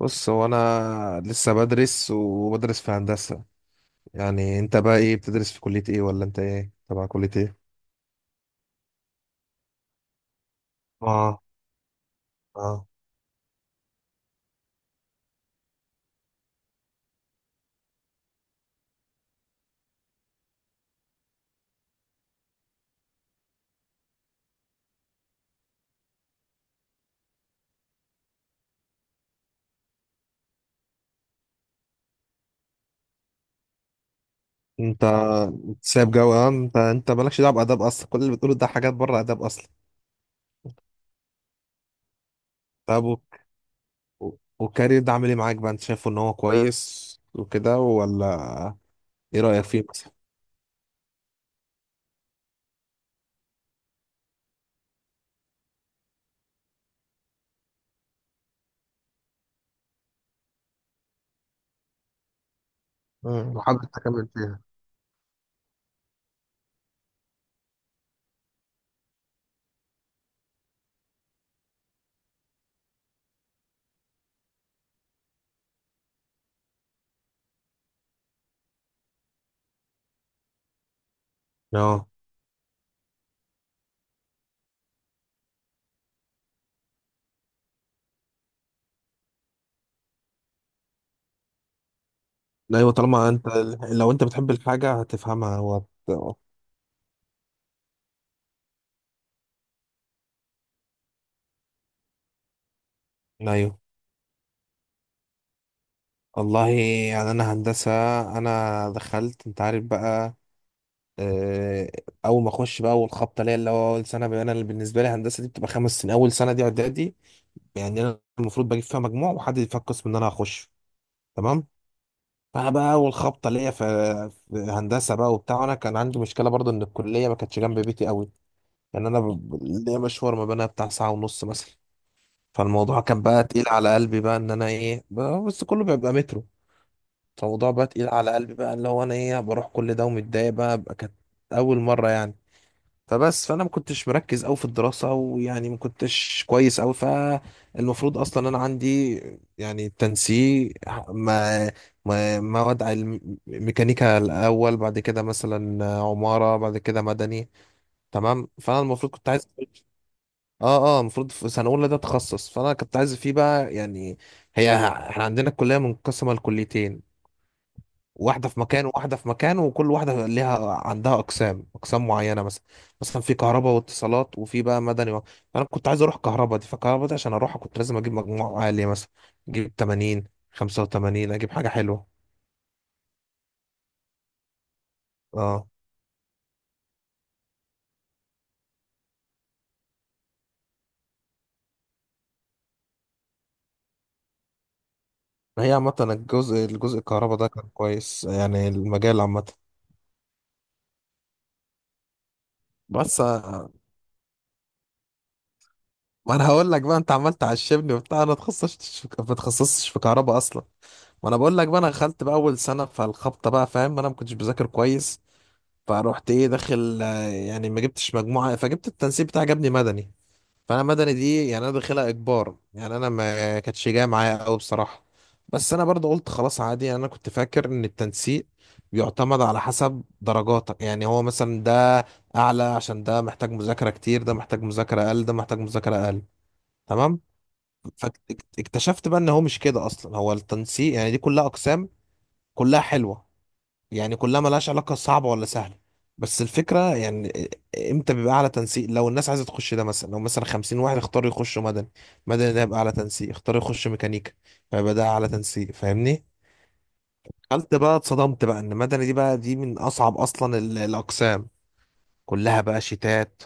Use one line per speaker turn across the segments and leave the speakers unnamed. بص هو انا لسه بدرس وبدرس في هندسة. يعني انت بقى ايه بتدرس في كلية ايه ولا انت ايه تبع كلية ايه؟ اه. اه انت سايب جو، انت مالكش دعوة بآداب اصلا، كل اللي بتقوله ده حاجات بره آداب اصلا. طب و- والكارير ده عامل ايه معاك بقى، انت شايفه ان هو كويس وكده ولا؟ ايه رأيك فيه مثلا؟ مم، وحابب تكمل فيها. اه، ايوه طالما انت لو انت بتحب الحاجة هتفهمها وهت... ايوه. والله يعني انا هندسه، انا دخلت انت عارف بقى. آه، اول ما اخش بقى اول خبطه ليا اللي هو اول سنه، بقى انا اللي بالنسبه لي هندسه دي بتبقى خمس سنين، اول سنه دي اعدادي. يعني انا المفروض بجيب فيها مجموع وحد يدفع القسم اللي انا هخش. تمام. فانا بقى اول خبطه ليا في هندسه بقى وبتاع، انا كان عندي مشكله برضه ان الكليه ما كانتش جنب بيتي قوي. يعني انا ليا مشوار ما بينها بتاع ساعه ونص مثلا. فالموضوع كان بقى تقيل على قلبي بقى ان انا بس كله بيبقى مترو. فالموضوع بقى تقيل على قلبي بقى اللي هو انا ايه بروح كل ده ومتضايق بقى، كانت اول مره يعني. فانا ما كنتش مركز قوي في الدراسه، ويعني ما كنتش كويس قوي. فالمفروض اصلا انا عندي يعني تنسيق، ما ما مواد علم ميكانيكا الاول، بعد كده مثلا عماره، بعد كده مدني. تمام. فانا المفروض كنت عايز. اه المفروض في سنه اولى ده تخصص، فانا كنت عايز فيه بقى يعني. هي احنا عندنا الكليه منقسمه لكليتين، واحدة في مكان وواحدة في مكان، وكل واحدة ليها عندها أقسام معينة مثلا. مثلا في كهرباء واتصالات، وفي بقى مدني و... أنا كنت عايز أروح كهرباء دي، فكهرباء دي عشان أروحها كنت لازم أجيب مجموع عالي، مثلا أجيب 80، 85، أجيب حاجة حلوة. أه، هي عامة الجزء الكهرباء ده كان كويس، يعني المجال عامة. بس آه، ما أنا هقول لك بقى، أنت عمال تعشمني وبتاع، أنا اتخصصتش في كهرباء أصلا. ما أنا بقول لك بقى أنا دخلت بقى أول سنة، فالخبطة بقى، فاهم، أنا ما كنتش بذاكر كويس. فروحت ايه داخل آه، يعني ما جبتش مجموعة، فجبت التنسيق بتاعي جابني مدني. فانا مدني دي يعني انا داخلها اجبار، يعني انا ما كانتش جايه معايا قوي بصراحة. بس انا برضه قلت خلاص عادي، يعني انا كنت فاكر ان التنسيق بيعتمد على حسب درجاتك، يعني هو مثلا ده اعلى عشان ده محتاج مذاكرة كتير، ده محتاج مذاكرة اقل، ده محتاج مذاكرة اقل. تمام. فاكتشفت بقى ان هو مش كده اصلا، هو التنسيق يعني دي كلها اقسام كلها حلوة، يعني كلها ملهاش علاقة صعبة ولا سهلة. بس الفكرة يعني امتى بيبقى أعلى تنسيق؟ لو الناس عايزة تخش ده، مثلا لو مثلا خمسين واحد اختاروا يخشوا مدني، مدني ده يبقى أعلى تنسيق. اختاروا يخشوا ميكانيكا، فيبقى ده أعلى تنسيق، فاهمني. قلت بقى، اتصدمت بقى إن مدني دي بقى دي من أصعب أصلا الأقسام كلها بقى شتات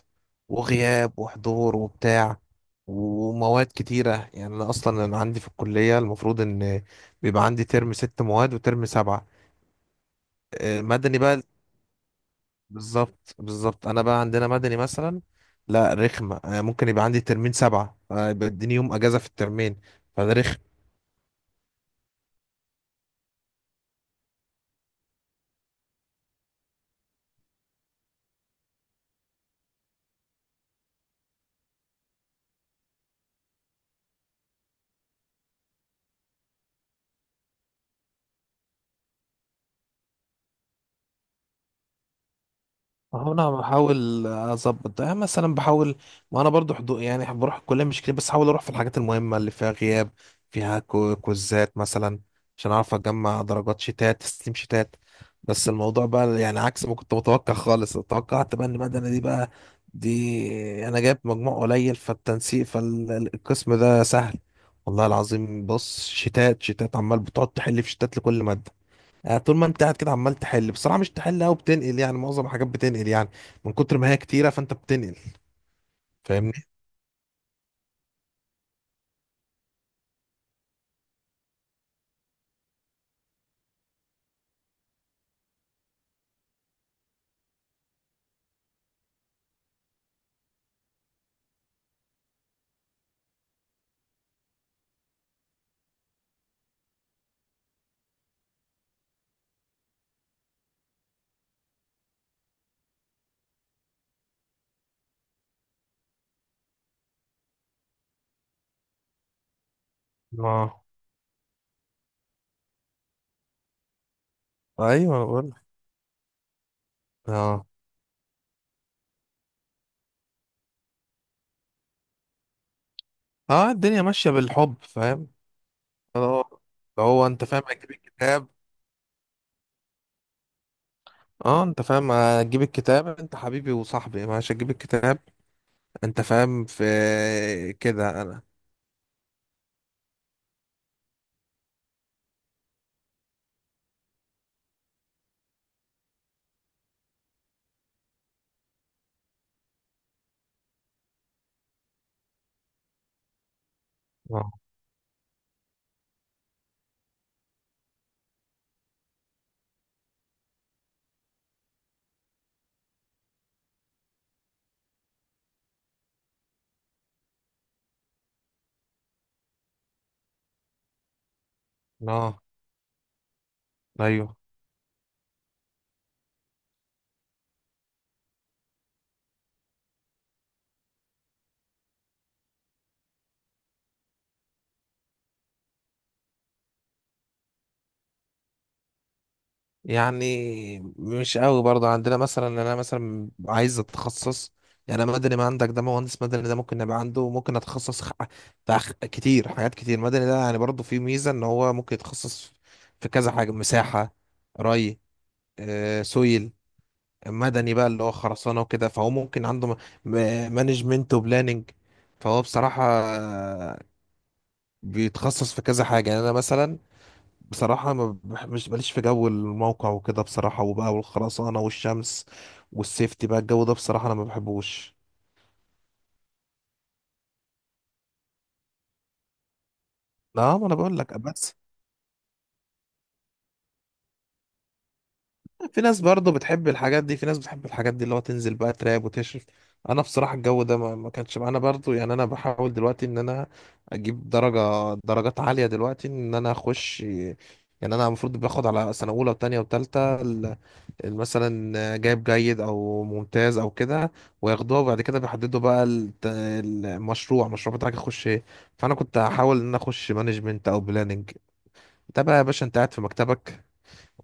وغياب وحضور وبتاع ومواد كتيرة. يعني أنا أصلا أنا عندي في الكلية المفروض إن بيبقى عندي ترم ست مواد وترم سبعة. آه، مدني بقى بالظبط انا بقى عندنا مدني مثلا، لا رخمه، أنا ممكن يبقى عندي ترمين سبعه آه، يبقى اديني يوم اجازه في الترمين، فده رخم. ما هو انا بحاول اظبط ده، يعني مثلا بحاول، ما انا برضو حضو يعني بروح الكليه مش كتير، بس احاول اروح في الحاجات المهمه اللي فيها غياب، فيها كوزات مثلا، عشان اعرف اجمع درجات شتات، تسليم شتات. بس الموضوع بقى يعني عكس ما كنت متوقع خالص، توقعت بقى ان المدني دي بقى دي انا جايب مجموع قليل فالتنسيق، فالقسم ده سهل. والله العظيم بص، شتات عمال بتقعد تحل في شتات لكل ماده. يعني طول ما انت قاعد كده عمال تحل، بصراحه مش تحل قوي، بتنقل، يعني معظم الحاجات بتنقل يعني، من كتر ما هي كتيره فانت بتنقل، فاهمني. اه. ايوه انا بقول لك. اه. اه الدنيا ماشيه بالحب، فاهم. اه، هو انت فاهم هتجيب الكتاب. اه انت فاهم هتجيب الكتاب، انت حبيبي وصاحبي ماشي، هتجيب الكتاب، انت فاهم. في كده انا. اه. اه. ايوه يعني مش قوي برضه عندنا، مثلا انا مثلا عايز اتخصص، يعني أنا مدني ما عندك ده، مهندس مدني ده ممكن نبقى عنده، ممكن اتخصص كتير حاجات كتير، مدني ده يعني برضه فيه ميزة ان هو ممكن يتخصص في كذا حاجة، مساحة، ري، آه، سويل، مدني بقى اللي هو خرسانة وكده، فهو ممكن عنده م... مانجمنت وبلاننج. فهو بصراحة آه، بيتخصص في كذا حاجة. يعني انا مثلا بصراحة ما بح- مش ماليش في جو الموقع وكده بصراحة، وبقى والخرسانة والشمس والسيفتي بقى، الجو ده بصراحة أنا ما بحبوش. لا ما أنا بقول لك، بس في ناس برضه بتحب الحاجات دي، في ناس بتحب الحاجات دي اللي هو تنزل بقى تراب وتشرف. أنا بصراحة الجو ده ما كانش معانا برضه. يعني أنا بحاول دلوقتي إن أنا أجيب درجات عالية دلوقتي، إن أنا أخش، يعني أنا المفروض باخد على سنة أولى وتانية وتالتة مثلا جايب جيد او ممتاز او كده، وياخدوها وبعد كده بيحددوا بقى المشروع، بتاعك يخش ايه. فانا كنت هحاول ان أنا اخش مانجمنت او بلاننج. ده بقى يا باشا انت قاعد في مكتبك،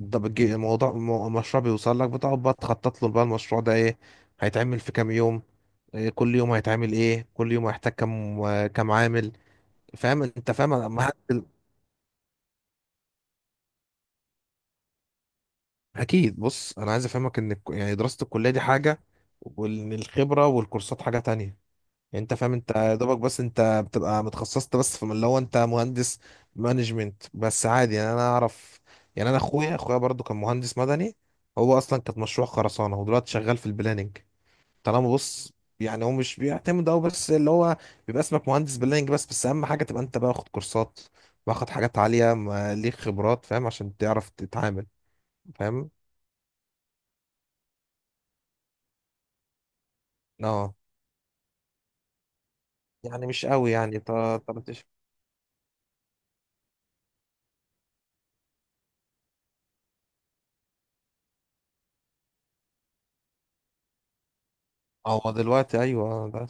ده بتجي- الموضوع مو- المشروع بيوصل لك، بتقعد بقى تخطط له بقى المشروع ده ايه، هيتعمل في كام يوم، إيه كل يوم هيتعمل، ايه كل يوم هيحتاج كام، عامل. فاهم انت فاهم؟ أنا- ما هت- اكيد بص، انا عايز افهمك ان يعني دراسة الكلية دي حاجة، وان الخبرة والكورسات حاجة تانية. يعني انت فاهم، انت يا دوبك بس انت بتبقى متخصصت بس في اللي هو انت مهندس مانجمنت بس، عادي يعني انا اعرف. يعني انا اخويا برضو كان مهندس مدني، هو اصلا كانت مشروع خرسانه، هو دلوقتي شغال في البلاننج. طالما بص، يعني هو مش بيعتمد او بس اللي هو بيبقى اسمك مهندس بلاننج بس، اهم حاجه تبقى انت باخد كورسات، واخد حاجات عاليه، ما ليك خبرات فاهم، عشان تعرف تتعامل. فاهم. اه. يعني مش قوي يعني طلعتش. هو دلوقتي ايوه ده-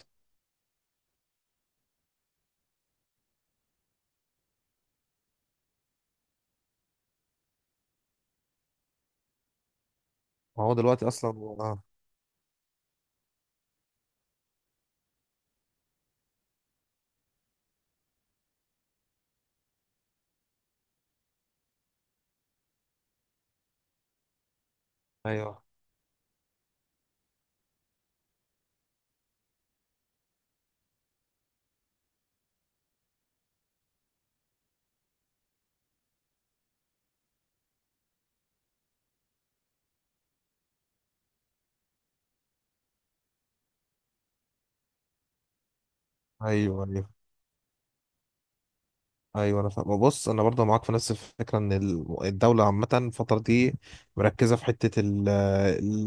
هو دلوقتي اصلا. اه. ايوه. ايوه ايوه ايوه انا فاهم بص، انا برضه معاك في نفس الفكره ان الدوله عامه الفتره دي مركزه في حته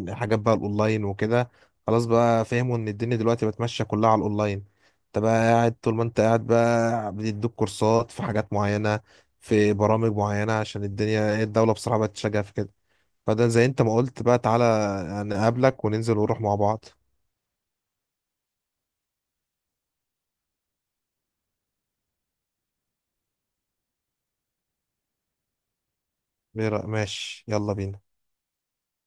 الحاجات بقى الاونلاين وكده. خلاص بقى فهموا ان الدنيا دلوقتي بقت ماشيه كلها على الاونلاين. انت بقى قاعد طول ما انت قاعد بقى بيدوك كورسات في حاجات معينه، في برامج معينه، عشان الدنيا الدوله بصراحه بقت تشجع في كده. فده زي انت ما قلت بقى، تعالى نقابلك وننزل ونروح مع بعض. ماشي يلا بينا.